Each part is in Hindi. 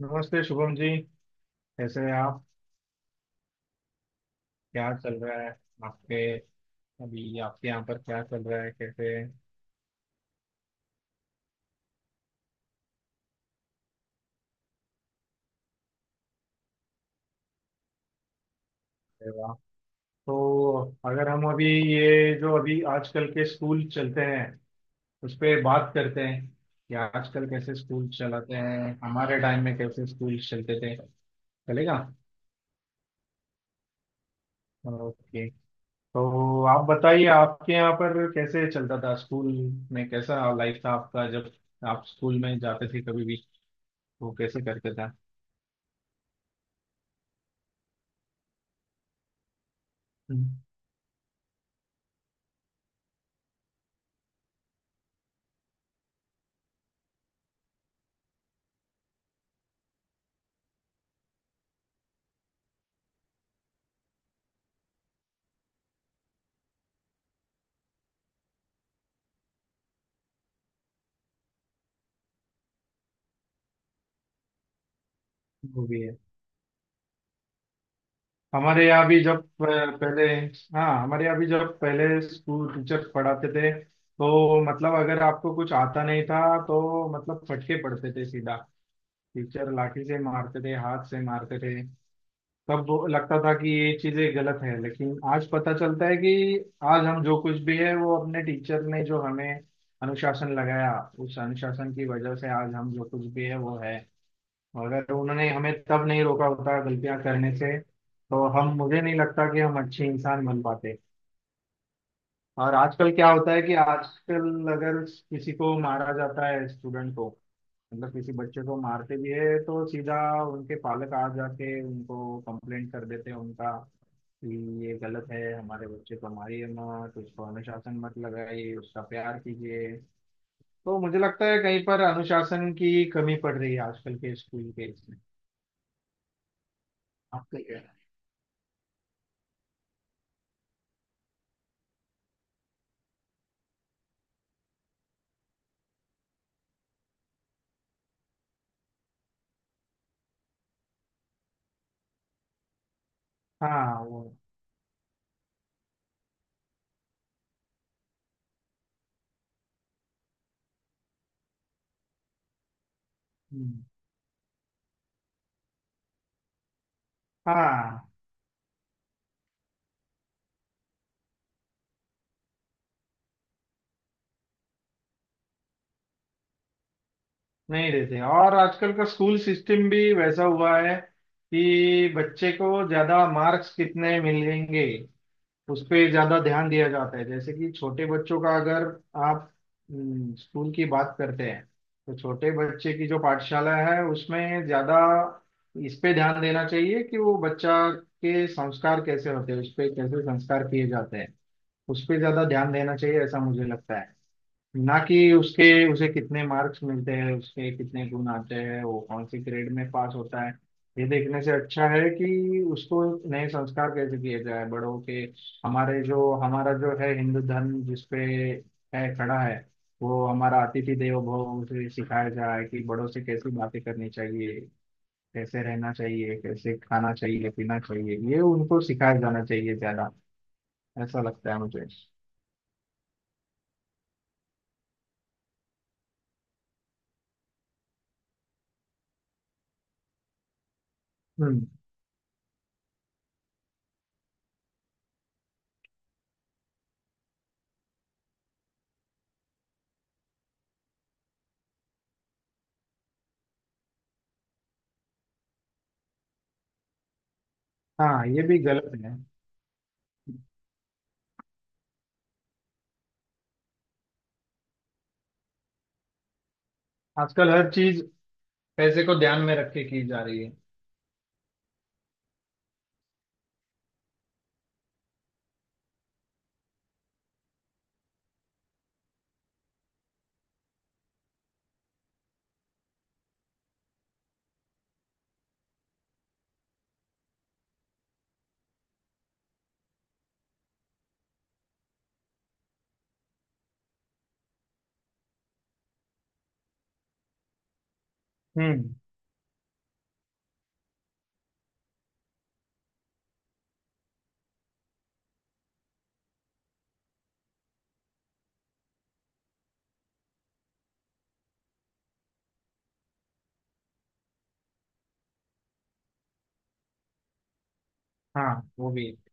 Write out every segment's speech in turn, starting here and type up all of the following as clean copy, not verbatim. नमस्ते शुभम जी। कैसे हैं आप? क्या चल रहा है आपके? अभी आपके यहाँ पर क्या चल रहा है, कैसे हैं? अरे वाह। तो अगर हम अभी, ये जो अभी आजकल के स्कूल चलते हैं उस पे बात करते हैं कि आजकल कैसे स्कूल चलाते हैं, हमारे टाइम में कैसे स्कूल चलते थे। चलेगा। ओके। तो आप बताइए आपके यहाँ पर कैसे चलता था स्कूल, में कैसा लाइफ था आपका जब आप स्कूल में जाते थे कभी भी, वो कैसे करते थे। वो भी है। हमारे यहाँ भी जब, पहले, हाँ, हमारे यहाँ भी जब पहले स्कूल टीचर्स पढ़ाते थे तो मतलब अगर आपको कुछ आता नहीं था तो मतलब फटके पड़ते थे सीधा। टीचर लाठी से मारते थे, हाथ से मारते थे। तब वो लगता था कि ये चीजें गलत है, लेकिन आज पता चलता है कि आज हम जो कुछ भी है वो अपने टीचर ने जो हमें अनुशासन लगाया, उस अनुशासन की वजह से आज हम जो कुछ भी है वो है। अगर उन्होंने हमें तब नहीं रोका होता गलतियां करने से तो हम, मुझे नहीं लगता कि हम अच्छे इंसान बन पाते। और आजकल क्या होता है कि आजकल अगर किसी को मारा जाता है, स्टूडेंट को, मतलब किसी बच्चे को मारते भी है तो सीधा उनके पालक आ जाके उनको कंप्लेंट कर देते हैं उनका, कि ये गलत है, हमारे बच्चे को मारिए मत, उसको अनुशासन मत लगाइए, उसका प्यार कीजिए। तो मुझे लगता है कहीं पर अनुशासन की कमी पड़ रही है आजकल के स्कूल के इसमें। आपका क्या? हाँ, वो हम्म, हाँ नहीं देते। और आजकल का स्कूल सिस्टम भी वैसा हुआ है कि बच्चे को ज्यादा मार्क्स कितने मिलेंगे उस पे ज्यादा ध्यान दिया जाता है। जैसे कि छोटे बच्चों का अगर आप, स्कूल की बात करते हैं तो छोटे बच्चे की जो पाठशाला है उसमें ज्यादा इस पे ध्यान देना चाहिए कि वो बच्चा के संस्कार कैसे होते हैं, उस पे कैसे संस्कार किए जाते हैं उस पे ज्यादा ध्यान देना चाहिए, ऐसा मुझे लगता है। ना कि उसके, उसे कितने मार्क्स मिलते हैं, उसके कितने गुण आते हैं, वो कौन से ग्रेड में पास होता है ये देखने से अच्छा है कि उसको नए संस्कार कैसे किए जाए बड़ों के। हमारे जो हमारा जो है हिंदू धर्म जिसपे है खड़ा है, वो हमारा अतिथि देवो भव उसे सिखाया जाए कि बड़ों से कैसी बातें करनी चाहिए, कैसे रहना चाहिए, कैसे खाना चाहिए पीना चाहिए, ये उनको सिखाया जाना चाहिए ज्यादा, ऐसा लगता है मुझे। हम्म। हाँ ये भी गलत है। आजकल हर चीज पैसे को ध्यान में रख के की जा रही है। हम्म। हाँ वो भी है।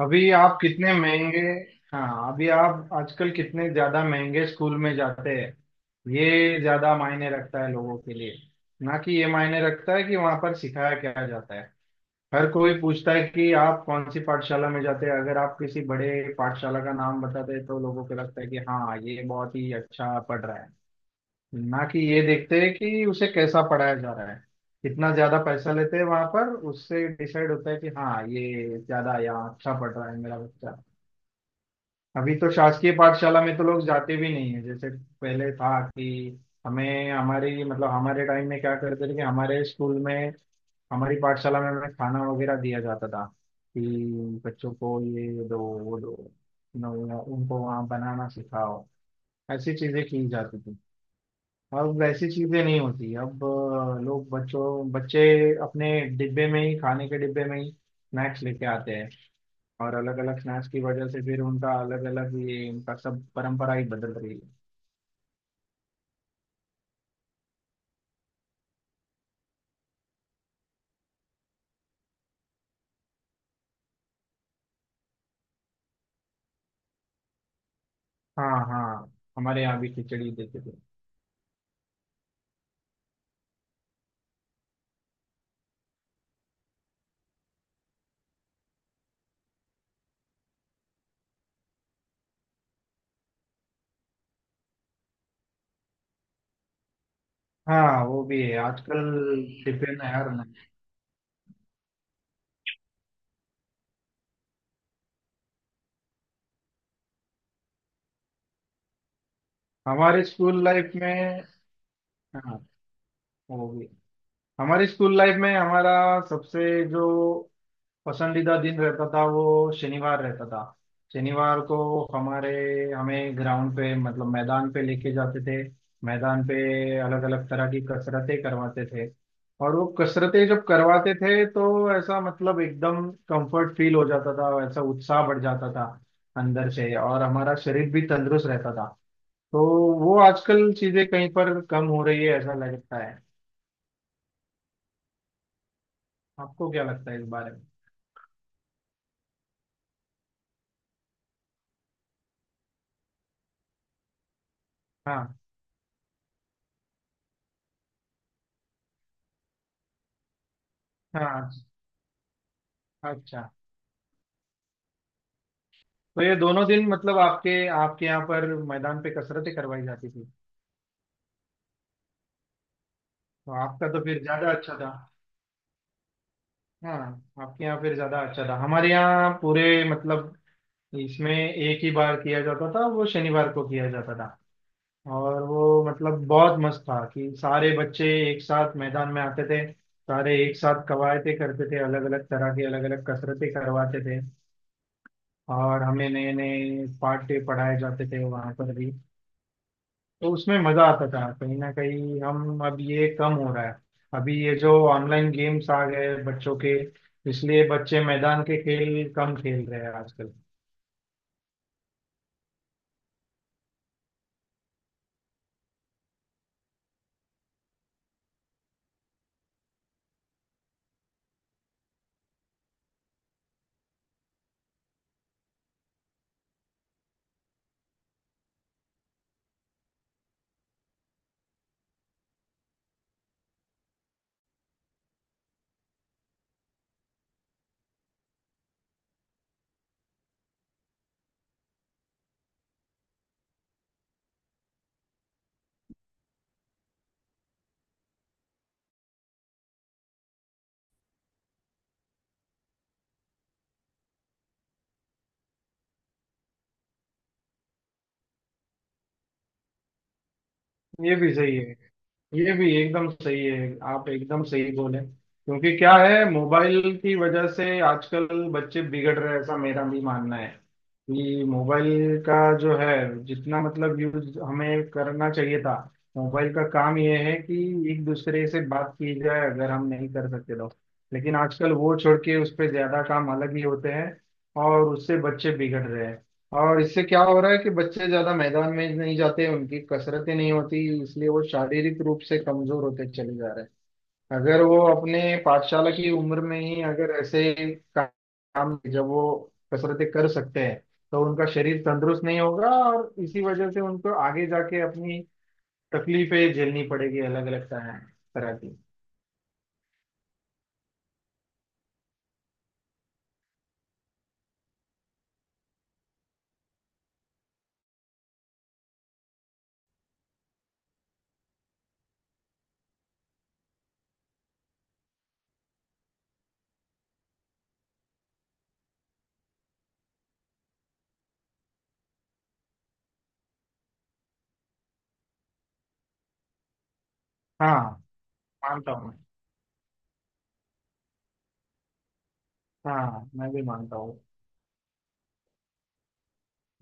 अभी आप कितने महंगे, हाँ अभी आप आजकल कितने ज्यादा महंगे स्कूल में जाते हैं ये ज्यादा मायने रखता है लोगों के लिए, ना कि ये मायने रखता है कि वहां पर सिखाया क्या जाता है। हर कोई पूछता है कि आप कौन सी पाठशाला में जाते हैं, अगर आप किसी बड़े पाठशाला का नाम बताते हैं तो लोगों को लगता है कि हाँ ये बहुत ही अच्छा पढ़ रहा है, ना कि ये देखते हैं कि उसे कैसा पढ़ाया जा रहा है। कितना ज्यादा पैसा लेते हैं वहां पर उससे डिसाइड होता है कि हाँ ये ज्यादा या अच्छा पढ़ रहा है मेरा बच्चा। अभी तो शासकीय पाठशाला में तो लोग जाते भी नहीं है। जैसे पहले था कि हमें हमारी, मतलब हमारे टाइम में क्या करते थे कि हमारे स्कूल में, हमारी पाठशाला में हमें खाना वगैरह दिया जाता था कि बच्चों को ये दो वो दो, न- उनको वहाँ बनाना सिखाओ, ऐसी चीजें की जाती थी। अब वैसी चीजें नहीं होती। अब लोग बच्चों बच्चे अपने डिब्बे में ही, खाने के डिब्बे में ही स्नैक्स लेके आते हैं, और अलग अलग स्नैक्स की वजह से फिर उनका अलग अलग ये, उनका सब परंपरा ही बदल रही है। हाँ, हाँ, हमारे यहाँ भी खिचड़ी देते थे। हाँ वो भी है आजकल डिब्बे में हर ना। हमारे स्कूल लाइफ में, हाँ वो भी, हमारी स्कूल लाइफ में हमारा सबसे जो पसंदीदा दिन रहता था वो शनिवार रहता था। शनिवार को हमारे, हमें ग्राउंड पे, मतलब मैदान पे लेके जाते थे। मैदान पे अलग अलग तरह की कसरतें करवाते थे, और वो कसरतें जब करवाते थे तो ऐसा मतलब एकदम कंफर्ट फील हो जाता था, ऐसा उत्साह बढ़ जाता था अंदर से, और हमारा शरीर भी तंदुरुस्त रहता था। तो वो आजकल चीजें कहीं पर कम हो रही है, ऐसा लगता है। आपको क्या लगता है इस बारे में? हाँ। हाँ। अच्छा, तो ये दोनों दिन मतलब आपके, आपके यहाँ पर मैदान पे कसरतें करवाई जाती थी। तो आपका तो फिर ज्यादा अच्छा था। हाँ, आपके यहाँ फिर ज्यादा अच्छा था। हमारे यहाँ पूरे, मतलब इसमें एक ही बार किया जाता था, वो शनिवार को किया जाता था। और वो मतलब बहुत मस्त था कि सारे बच्चे एक साथ मैदान में आते थे, सारे एक साथ कवायते करते थे, अलग अलग तरह की अलग अलग कसरतें करवाते थे, और हमें नए नए पाठ्य पढ़ाए जाते थे वहां पर भी। तो उसमें मजा आता था कहीं ना कहीं, हम अब ये कम हो रहा है। अभी ये जो ऑनलाइन गेम्स आ गए बच्चों के, इसलिए बच्चे मैदान के खेल कम खेल रहे हैं आजकल। ये भी सही है, ये भी एकदम सही है, आप एकदम सही बोले। क्योंकि क्या है, मोबाइल की वजह से आजकल बच्चे बिगड़ रहे हैं, ऐसा मेरा भी मानना है। कि मोबाइल का जो है, जितना मतलब यूज हमें करना चाहिए था, मोबाइल का काम ये है कि एक दूसरे से बात की जाए अगर हम नहीं कर सकते तो। लेकिन आजकल वो छोड़ के उस पर ज्यादा काम अलग ही होते हैं, और उससे बच्चे बिगड़ रहे हैं। और इससे क्या हो रहा है कि बच्चे ज्यादा मैदान में नहीं जाते, उनकी कसरतें नहीं होती, इसलिए वो शारीरिक रूप से कमजोर होते चले जा रहे हैं। अगर वो अपने पाठशाला की उम्र में ही अगर ऐसे का- काम, जब वो कसरतें कर सकते हैं, तो उनका शरीर तंदुरुस्त नहीं होगा और इसी वजह से उनको आगे जाके अपनी तकलीफें झेलनी पड़ेगी अलग अलग तरह तरह की। हाँ मानता हूँ मैं, हाँ मैं भी मानता हूँ।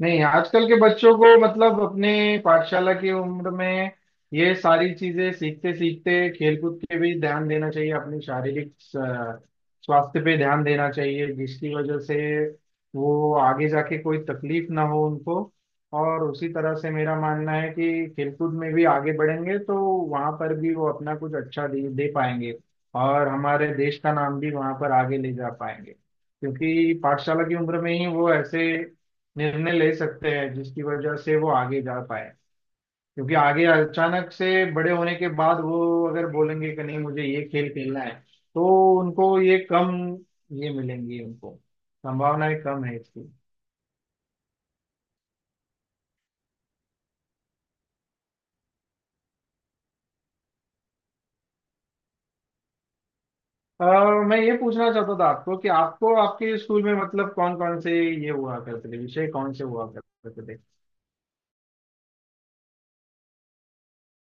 नहीं, आजकल के बच्चों को मतलब अपने पाठशाला की उम्र में ये सारी चीजें सीखते सीखते खेलकूद पे भी ध्यान देना चाहिए, अपनी शारीरिक अ, स्वास्थ्य पे ध्यान देना चाहिए, जिसकी वजह से वो आगे जाके कोई तकलीफ ना हो उनको। और उसी तरह से मेरा मानना है कि खेलकूद में भी आगे बढ़ेंगे तो वहां पर भी वो अपना कुछ अच्छा दे पाएंगे, और हमारे देश का नाम भी वहां पर आगे ले जा पाएंगे। क्योंकि पाठशाला की उम्र में ही वो ऐसे निर्णय ले सकते हैं जिसकी वजह से वो आगे जा पाए। क्योंकि आगे अचानक से बड़े होने के बाद वो अगर बोलेंगे कि नहीं मुझे ये खेल खेलना है तो उनको ये कम ये मिलेंगी उनको, संभावनाएं कम है इसकी। और मैं ये पूछना चाहता था आपको कि आपको आपके स्कूल में मतलब कौन कौन से ये हुआ करते थे विषय, कौन से हुआ करते थे?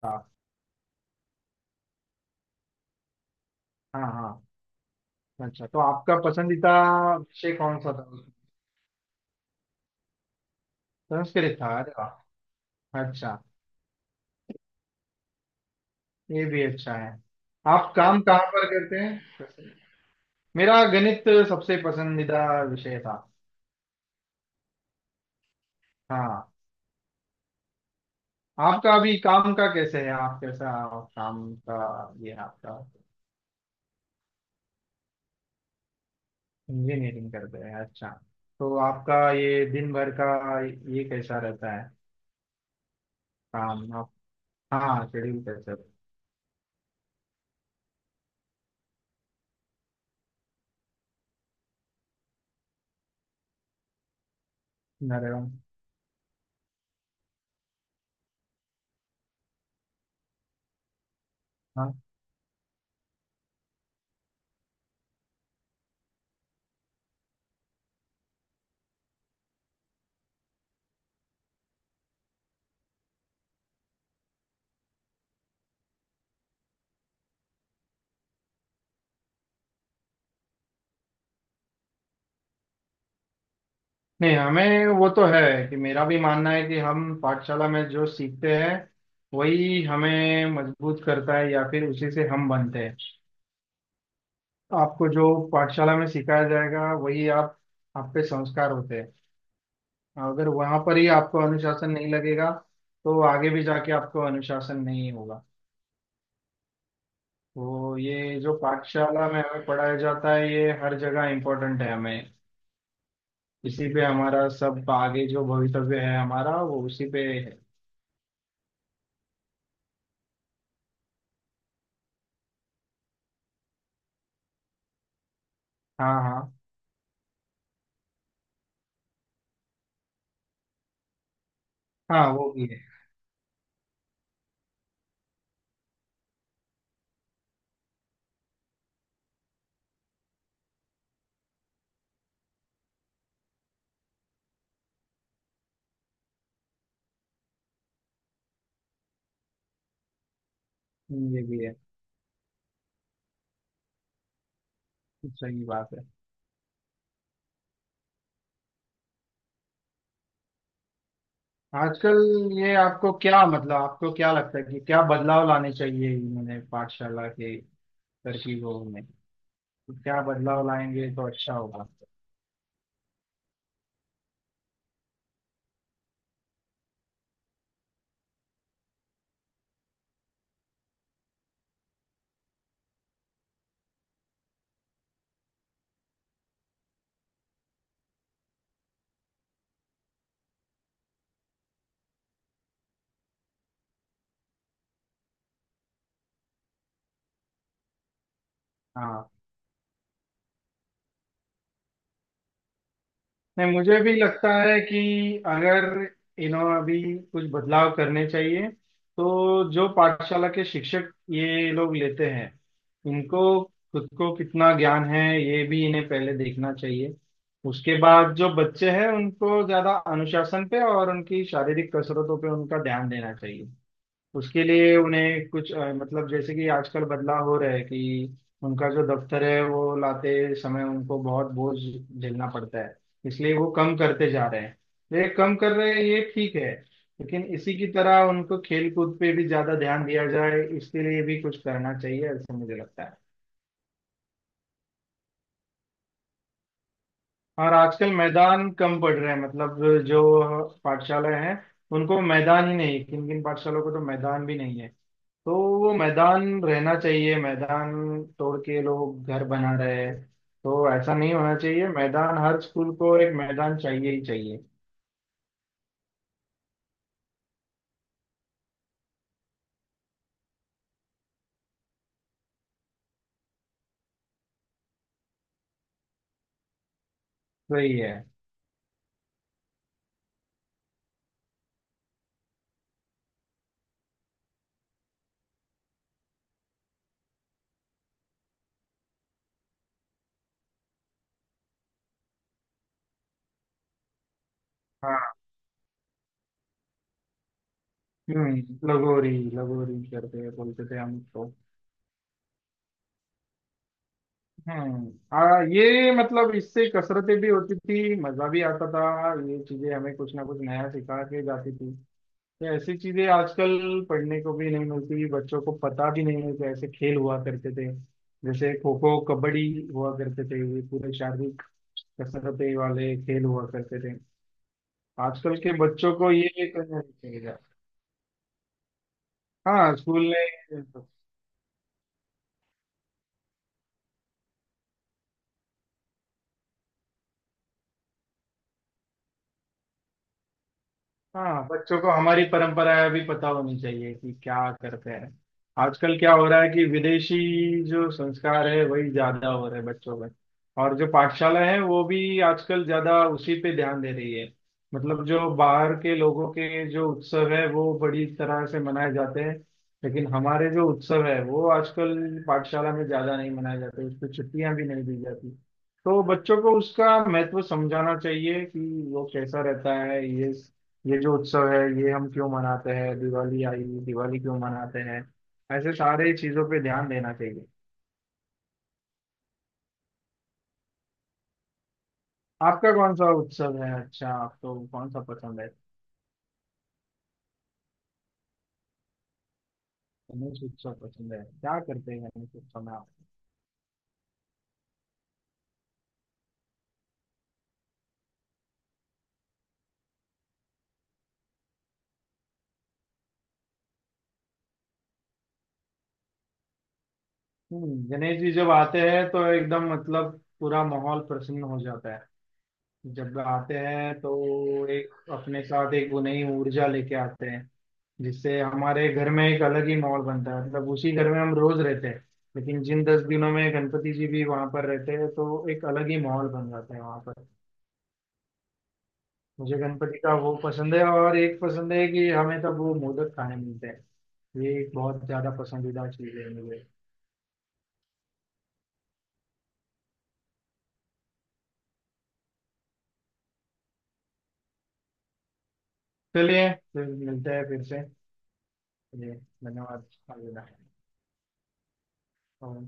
हाँ, हाँ, हाँ। अच्छा, तो आपका पसंदीदा विषय कौन सा था? संस्कृत था, अरे वाह, अच्छा। ये भी अच्छा है। आप काम कहाँ पर करते हैं? मेरा गणित सबसे पसंदीदा विषय था। हाँ, आपका अभी काम का कैसे है, आप कैसा काम का, ये आपका, इंजीनियरिंग करते हैं, अच्छा। तो आपका ये दिन भर का ये कैसा रहता है, काम आप, हाँ शेड्यूल कैसे? अरे वाह। हाँ, नहीं हमें वो तो है कि मेरा भी मानना है कि हम पाठशाला में जो सीखते हैं वही हमें मजबूत करता है, या फिर उसी से हम बनते हैं। आपको जो पाठशाला में सिखाया जाएगा वही आप पे संस्कार होते हैं। अगर वहां पर ही आपको अनुशासन नहीं लगेगा तो आगे भी जाके आपको अनुशासन नहीं होगा। तो ये जो पाठशाला में हमें पढ़ाया जाता है ये हर जगह इम्पोर्टेंट है हमें, इसी पे हमारा सब आगे जो भवितव्य है हमारा वो उसी पे है। हाँ, हाँ। हाँ वो भी है। ये भी है। सही बात है। आजकल, ये आपको क्या मतलब आपको क्या लगता है कि क्या बदलाव लाने चाहिए इन्होंने पाठशाला के तरकीबों में, तो क्या बदलाव लाएंगे तो अच्छा होगा? हाँ। नहीं, मुझे भी लगता है कि अगर इन्होंने अभी कुछ बदलाव करने चाहिए तो जो पाठशाला के शिक्षक ये लोग लेते हैं इनको खुद को कितना ज्ञान है ये भी इन्हें पहले देखना चाहिए। उसके बाद जो बच्चे हैं उनको ज्यादा अनुशासन पे और उनकी शारीरिक कसरतों पे उनका ध्यान देना चाहिए। उसके लिए उन्हें कुछ मतलब जैसे कि आजकल बदलाव हो रहा है कि उनका जो दफ्तर है वो लाते समय उनको बहुत बोझ झेलना पड़ता है, इसलिए वो कम करते जा रहे हैं। ये कम कर रहे हैं ये ठीक है, लेकिन इसी की तरह उनको खेल कूद पे भी ज्यादा ध्यान दिया जाए इसके लिए भी कुछ करना चाहिए, ऐसा मुझे लगता है। और आजकल मैदान कम पड़ रहे हैं मतलब जो पाठशालाएं हैं उनको मैदान ही नहीं, किन किन पाठशालाओं को तो मैदान भी नहीं है। तो वो मैदान रहना चाहिए, मैदान तोड़ के लोग घर बना रहे हैं। तो ऐसा नहीं होना चाहिए, मैदान हर स्कूल को एक मैदान चाहिए ही चाहिए। वही है। हाँ। हम्म, लगोरी, लगोरी करते हैं बोलते थे हम तो। ये मतलब इससे कसरतें भी होती थी मजा भी आता था, ये चीजें हमें कुछ ना कुछ नया सिखा के जाती थी। ये ऐसी चीजें आजकल पढ़ने को भी नहीं मिलती, बच्चों को पता भी नहीं है कि ऐसे खेल हुआ करते थे। जैसे खो खो कबड्डी हुआ करते थे, ये पूरे शारीरिक कसरतें वाले खेल हुआ करते थे। आजकल के बच्चों को ये नहीं खेला। हाँ स्कूल ने। हाँ, बच्चों को हमारी परंपराएं भी पता होनी चाहिए कि क्या करते हैं। आजकल क्या हो रहा है कि विदेशी जो संस्कार है वही ज्यादा हो रहे हैं बच्चों में, और जो पाठशाला है वो भी आजकल ज्यादा उसी पे ध्यान दे रही है। मतलब जो बाहर के लोगों के जो उत्सव है वो बड़ी तरह से मनाए जाते हैं, लेकिन हमारे जो उत्सव है वो आजकल पाठशाला में ज्यादा नहीं मनाए जाते, उसको छुट्टियां भी नहीं दी जाती। तो बच्चों को उसका महत्व समझाना चाहिए कि वो कैसा रहता है ये जो उत्सव है ये हम क्यों मनाते हैं, दिवाली आई, दिवाली क्यों मनाते हैं, ऐसे सारे चीजों पे ध्यान देना चाहिए। आपका कौन सा उत्सव है, अच्छा आपको कौन सा पसंद है? गणेश उत्सव पसंद है, क्या करते हैं गणेश उत्सव में आप? गणेश जी जब आते हैं तो एकदम मतलब पूरा माहौल प्रसन्न हो जाता है। जब आते हैं तो एक अपने साथ एक वो नई ऊर्जा लेके आते हैं, जिससे हमारे घर में एक अलग ही माहौल बनता है। मतलब उसी घर में हम रोज रहते हैं, लेकिन जिन 10 दिनों में गणपति जी भी वहां पर रहते हैं तो एक अलग ही माहौल बन जाता है वहां पर। मुझे गणपति का वो पसंद है, और एक पसंद है कि हमें तब वो मोदक खाने मिलते हैं, ये एक बहुत ज्यादा पसंदीदा चीज है मुझे। चलिए फिर मिलते हैं फिर से। चलिए। धन्यवाद। अलविदा। और